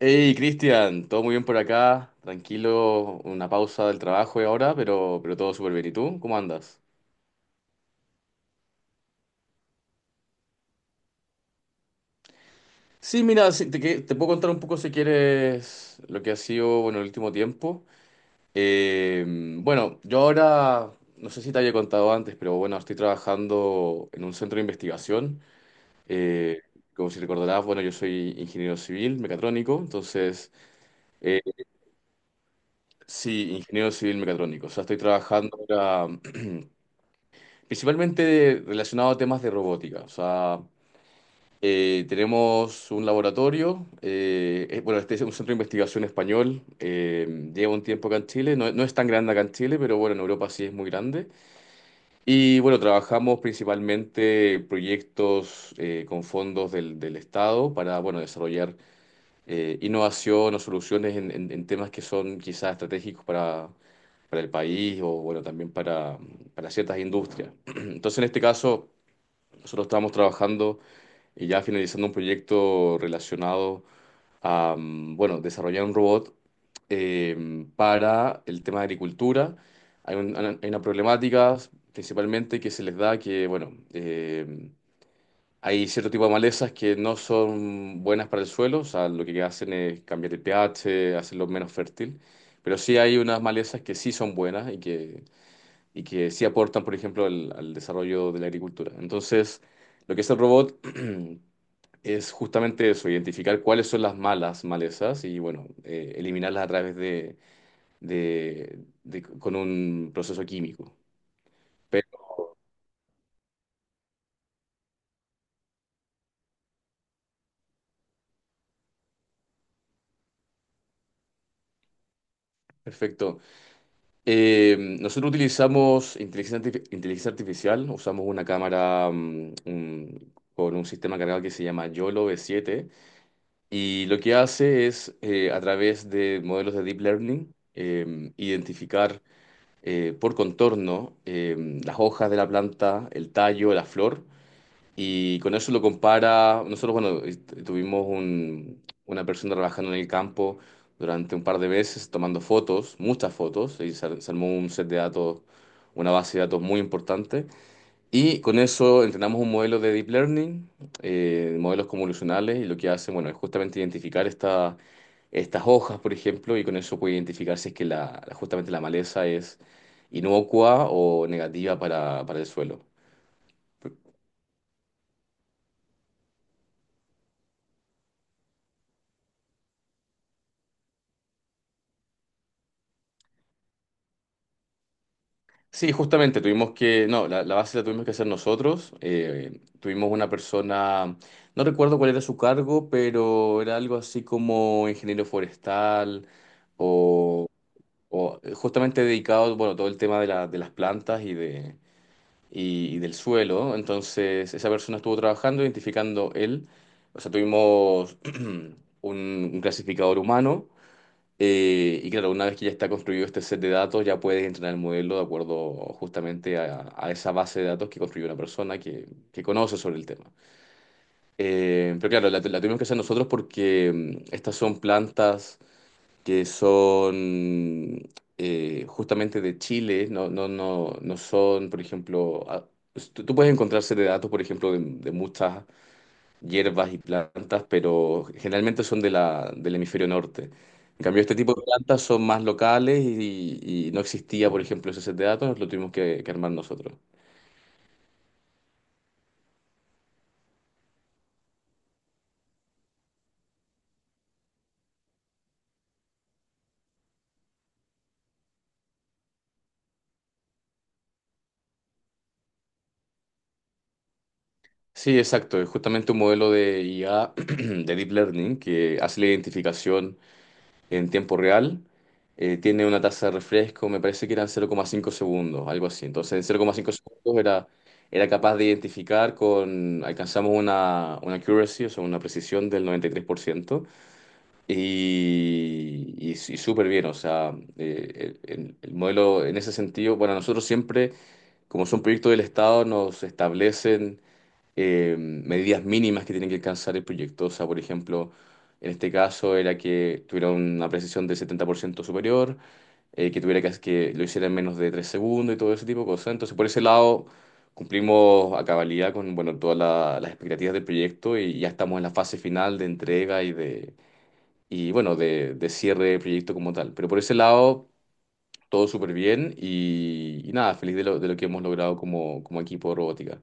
Hey, Cristian, todo muy bien por acá, tranquilo, una pausa del trabajo y ahora, pero todo súper bien. ¿Y tú? ¿Cómo andas? Sí, mira, sí, te puedo contar un poco si quieres lo que ha sido, bueno, el último tiempo. Eh, bueno, yo ahora, no sé si te había contado antes, pero bueno, estoy trabajando en un centro de investigación. Eh, Como si recordarás, bueno, yo soy ingeniero civil mecatrónico, entonces, eh, sí, ingeniero civil mecatrónico. O sea, estoy trabajando ahora principalmente relacionado a temas de robótica. O sea, tenemos un laboratorio, bueno, este es un centro de investigación español, lleva un tiempo acá en Chile, no, no es tan grande acá en Chile, pero bueno, en Europa sí es muy grande. Y bueno, trabajamos principalmente proyectos con fondos del Estado para, bueno, desarrollar innovación o soluciones en temas que son quizás estratégicos para el país o, bueno, también para ciertas industrias. Entonces, en este caso. Nosotros estábamos trabajando y ya finalizando un proyecto relacionado a, bueno, desarrollar un robot para el tema de agricultura. Hay una problemática principalmente que se les da que, bueno, hay cierto tipo de malezas que no son buenas para el suelo, o sea, lo que hacen es cambiar el pH, hacerlo menos fértil, pero sí hay unas malezas que sí son buenas y que sí aportan, por ejemplo, al desarrollo de la agricultura. Entonces, lo que es el robot es justamente eso, identificar cuáles son las malas malezas y, bueno, eliminarlas a través con un proceso químico. Pero, perfecto. Nosotros utilizamos inteligencia artificial, usamos una cámara con un sistema cargado que se llama YOLO V7. Y lo que hace es, a través de modelos de deep learning, identificar por contorno, las hojas de la planta, el tallo, la flor, y con eso lo compara. Nosotros, bueno, tuvimos una persona trabajando en el campo durante un par de veces, tomando fotos, muchas fotos, y se armó un set de datos, una base de datos muy importante. Y con eso entrenamos un modelo de deep learning, modelos convolucionales, y lo que hace, bueno, es justamente identificar estas hojas, por ejemplo, y con eso puede identificar si es que justamente la maleza es inocua o negativa para el suelo. Sí, justamente tuvimos que, no, la base la tuvimos que hacer nosotros. Tuvimos una persona, no recuerdo cuál era su cargo, pero era algo así como ingeniero forestal, o justamente dedicado, bueno, todo el tema de las plantas y del suelo. Entonces, esa persona estuvo trabajando, identificando él. O sea, tuvimos un clasificador humano. Y claro, una vez que ya está construido este set de datos, ya puedes entrenar el modelo de acuerdo justamente a esa base de datos que construyó una persona que conoce sobre el tema. Pero claro, la tuvimos que hacer nosotros porque estas son plantas que son justamente de Chile, no, no, no, no son, por ejemplo, pues, tú puedes encontrarse de datos, por ejemplo, de muchas hierbas y plantas, pero generalmente son del hemisferio norte. En cambio, este tipo de plantas son más locales y no existía, por ejemplo, ese set de datos, lo tuvimos que armar nosotros. Sí, exacto, es justamente un modelo de IA, de Deep Learning, que hace la identificación en tiempo real. Tiene una tasa de refresco, me parece que eran 0,5 segundos, algo así. Entonces, en 0,5 segundos era capaz de identificar con, alcanzamos una accuracy, o sea, una precisión del 93%, y, tres por ciento, y súper bien, o sea, el modelo en ese sentido, bueno, nosotros siempre, como son proyectos del Estado, nos establecen medidas mínimas que tiene que alcanzar el proyecto. O sea, por ejemplo, en este caso era que tuviera una precisión de 70% superior, que tuviera que lo hiciera en menos de 3 segundos y todo ese tipo de cosas. Entonces, por ese lado, cumplimos a cabalidad con, bueno, todas las expectativas del proyecto y ya estamos en la fase final de entrega y de, y bueno, de cierre del proyecto como tal. Pero por ese lado. Todo súper bien y nada, feliz de lo que hemos logrado como, equipo de robótica.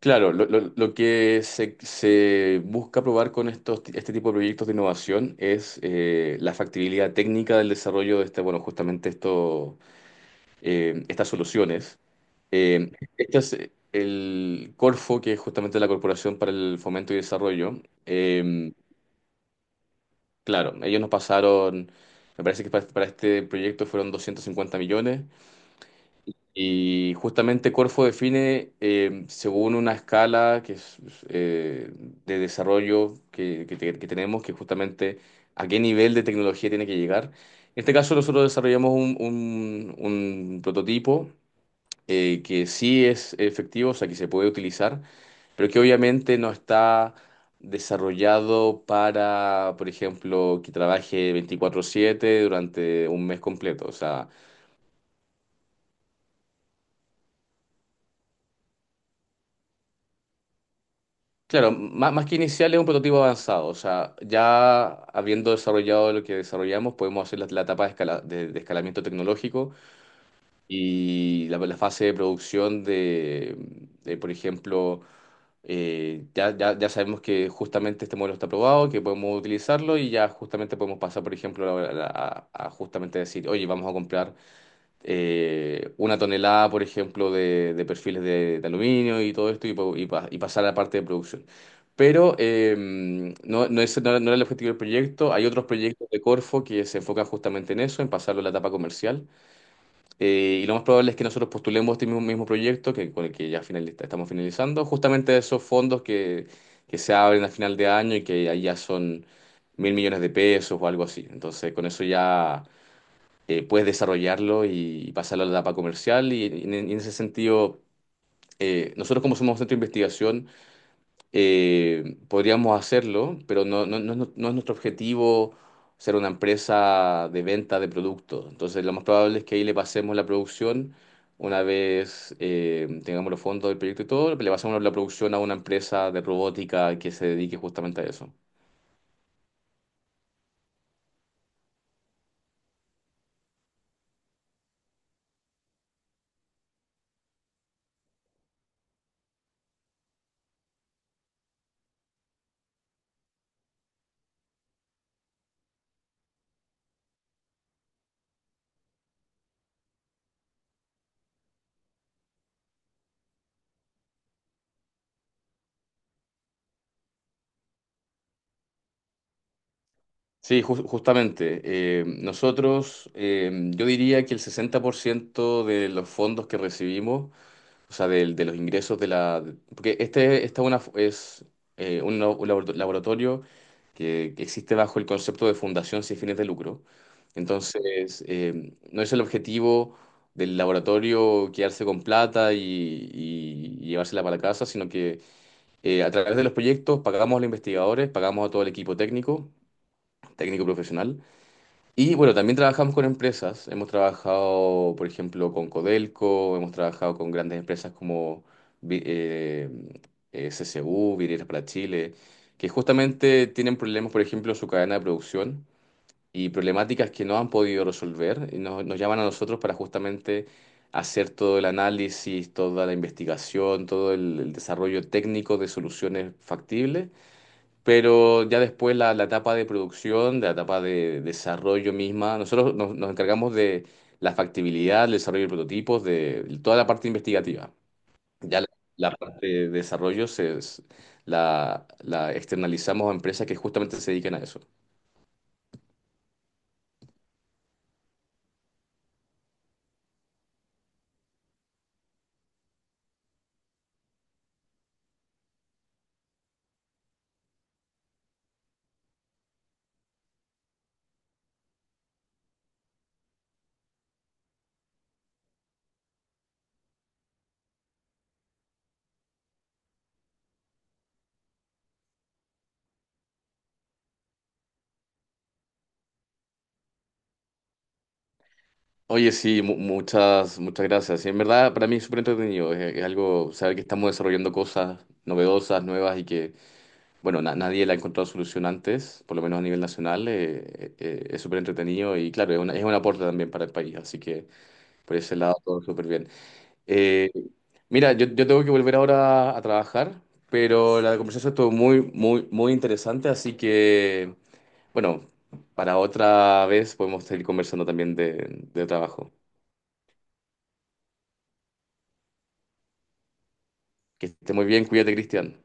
Claro, lo que se busca probar con este tipo de proyectos de innovación es la factibilidad técnica del desarrollo de este, bueno, justamente esto, estas soluciones. Eh, este es el Corfo, que es justamente la Corporación para el Fomento y Desarrollo. Claro, ellos nos pasaron, me parece que para este proyecto fueron 250 millones. Y justamente Corfo define, según una escala que es, eh, de desarrollo que tenemos, que justamente a qué nivel de tecnología tiene que llegar. En este caso nosotros desarrollamos un prototipo que sí es efectivo, o sea, que se puede utilizar, pero que obviamente no está desarrollado para, por ejemplo, que trabaje 24/7 durante un mes completo. O sea, claro, más, que inicial es un prototipo avanzado, o sea, ya habiendo desarrollado lo que desarrollamos, podemos hacer la etapa de escalamiento tecnológico y la fase de producción por ejemplo, ya sabemos que justamente este modelo está aprobado, que podemos utilizarlo y ya justamente podemos pasar, por ejemplo, a justamente decir, oye, vamos a comprar una tonelada, por ejemplo, de perfiles de aluminio y todo esto y pasar a la parte de producción. Pero no, no, ese no era el objetivo del proyecto. Hay otros proyectos de Corfo que se enfocan justamente en eso, en pasarlo a la etapa comercial. Y lo más probable es que nosotros postulemos este mismo, mismo proyecto con el que ya estamos finalizando, justamente esos fondos que se abren a final de año y que ahí ya son 1.000 millones de pesos o algo así. Entonces, con eso ya puedes desarrollarlo y, pasarlo a la etapa comercial. Y, en ese sentido, nosotros como somos centro de investigación, podríamos hacerlo, pero no, no, no, no es nuestro objetivo ser una empresa de venta de productos. Entonces, lo más probable es que ahí le pasemos la producción. Una vez tengamos los fondos del proyecto y todo, le pasamos la producción a una empresa de robótica que se dedique justamente a eso. Sí, justamente. Nosotros, yo diría que el 60% de los fondos que recibimos, o sea, los ingresos de la. Porque es un laboratorio que existe bajo el concepto de fundación sin fines de lucro. Entonces, no es el objetivo del laboratorio quedarse con plata y llevársela para la casa, sino que a través de los proyectos pagamos a los investigadores, pagamos a todo el equipo técnico, técnico profesional. Y bueno, también trabajamos con empresas. Hemos trabajado, por ejemplo, con Codelco, hemos trabajado con grandes empresas como Vi- eh, CCU, Vidrieras para Chile, que justamente tienen problemas, por ejemplo, en su cadena de producción y problemáticas que no han podido resolver. Y nos llaman a nosotros para justamente hacer todo el análisis, toda la investigación, todo el desarrollo técnico de soluciones factibles, pero ya después la etapa de producción, de la etapa de desarrollo misma, nosotros nos encargamos de la factibilidad, el desarrollo de prototipos, de toda la parte investigativa. Ya la parte de desarrollo la externalizamos a empresas que justamente se dedican a eso. Oye, sí, muchas, muchas gracias. Sí, en verdad, para mí es súper entretenido. Es algo, saber que estamos desarrollando cosas novedosas, nuevas y que bueno, nadie le ha encontrado solución antes, por lo menos a nivel nacional. Es súper entretenido y claro, es un aporte también para el país, así que por ese lado todo súper bien. Eh, Mira, yo tengo que volver ahora a trabajar, pero la conversación estuvo muy, muy, muy interesante, así que bueno, para otra vez podemos seguir conversando también de trabajo. Que esté muy bien, cuídate, Cristian.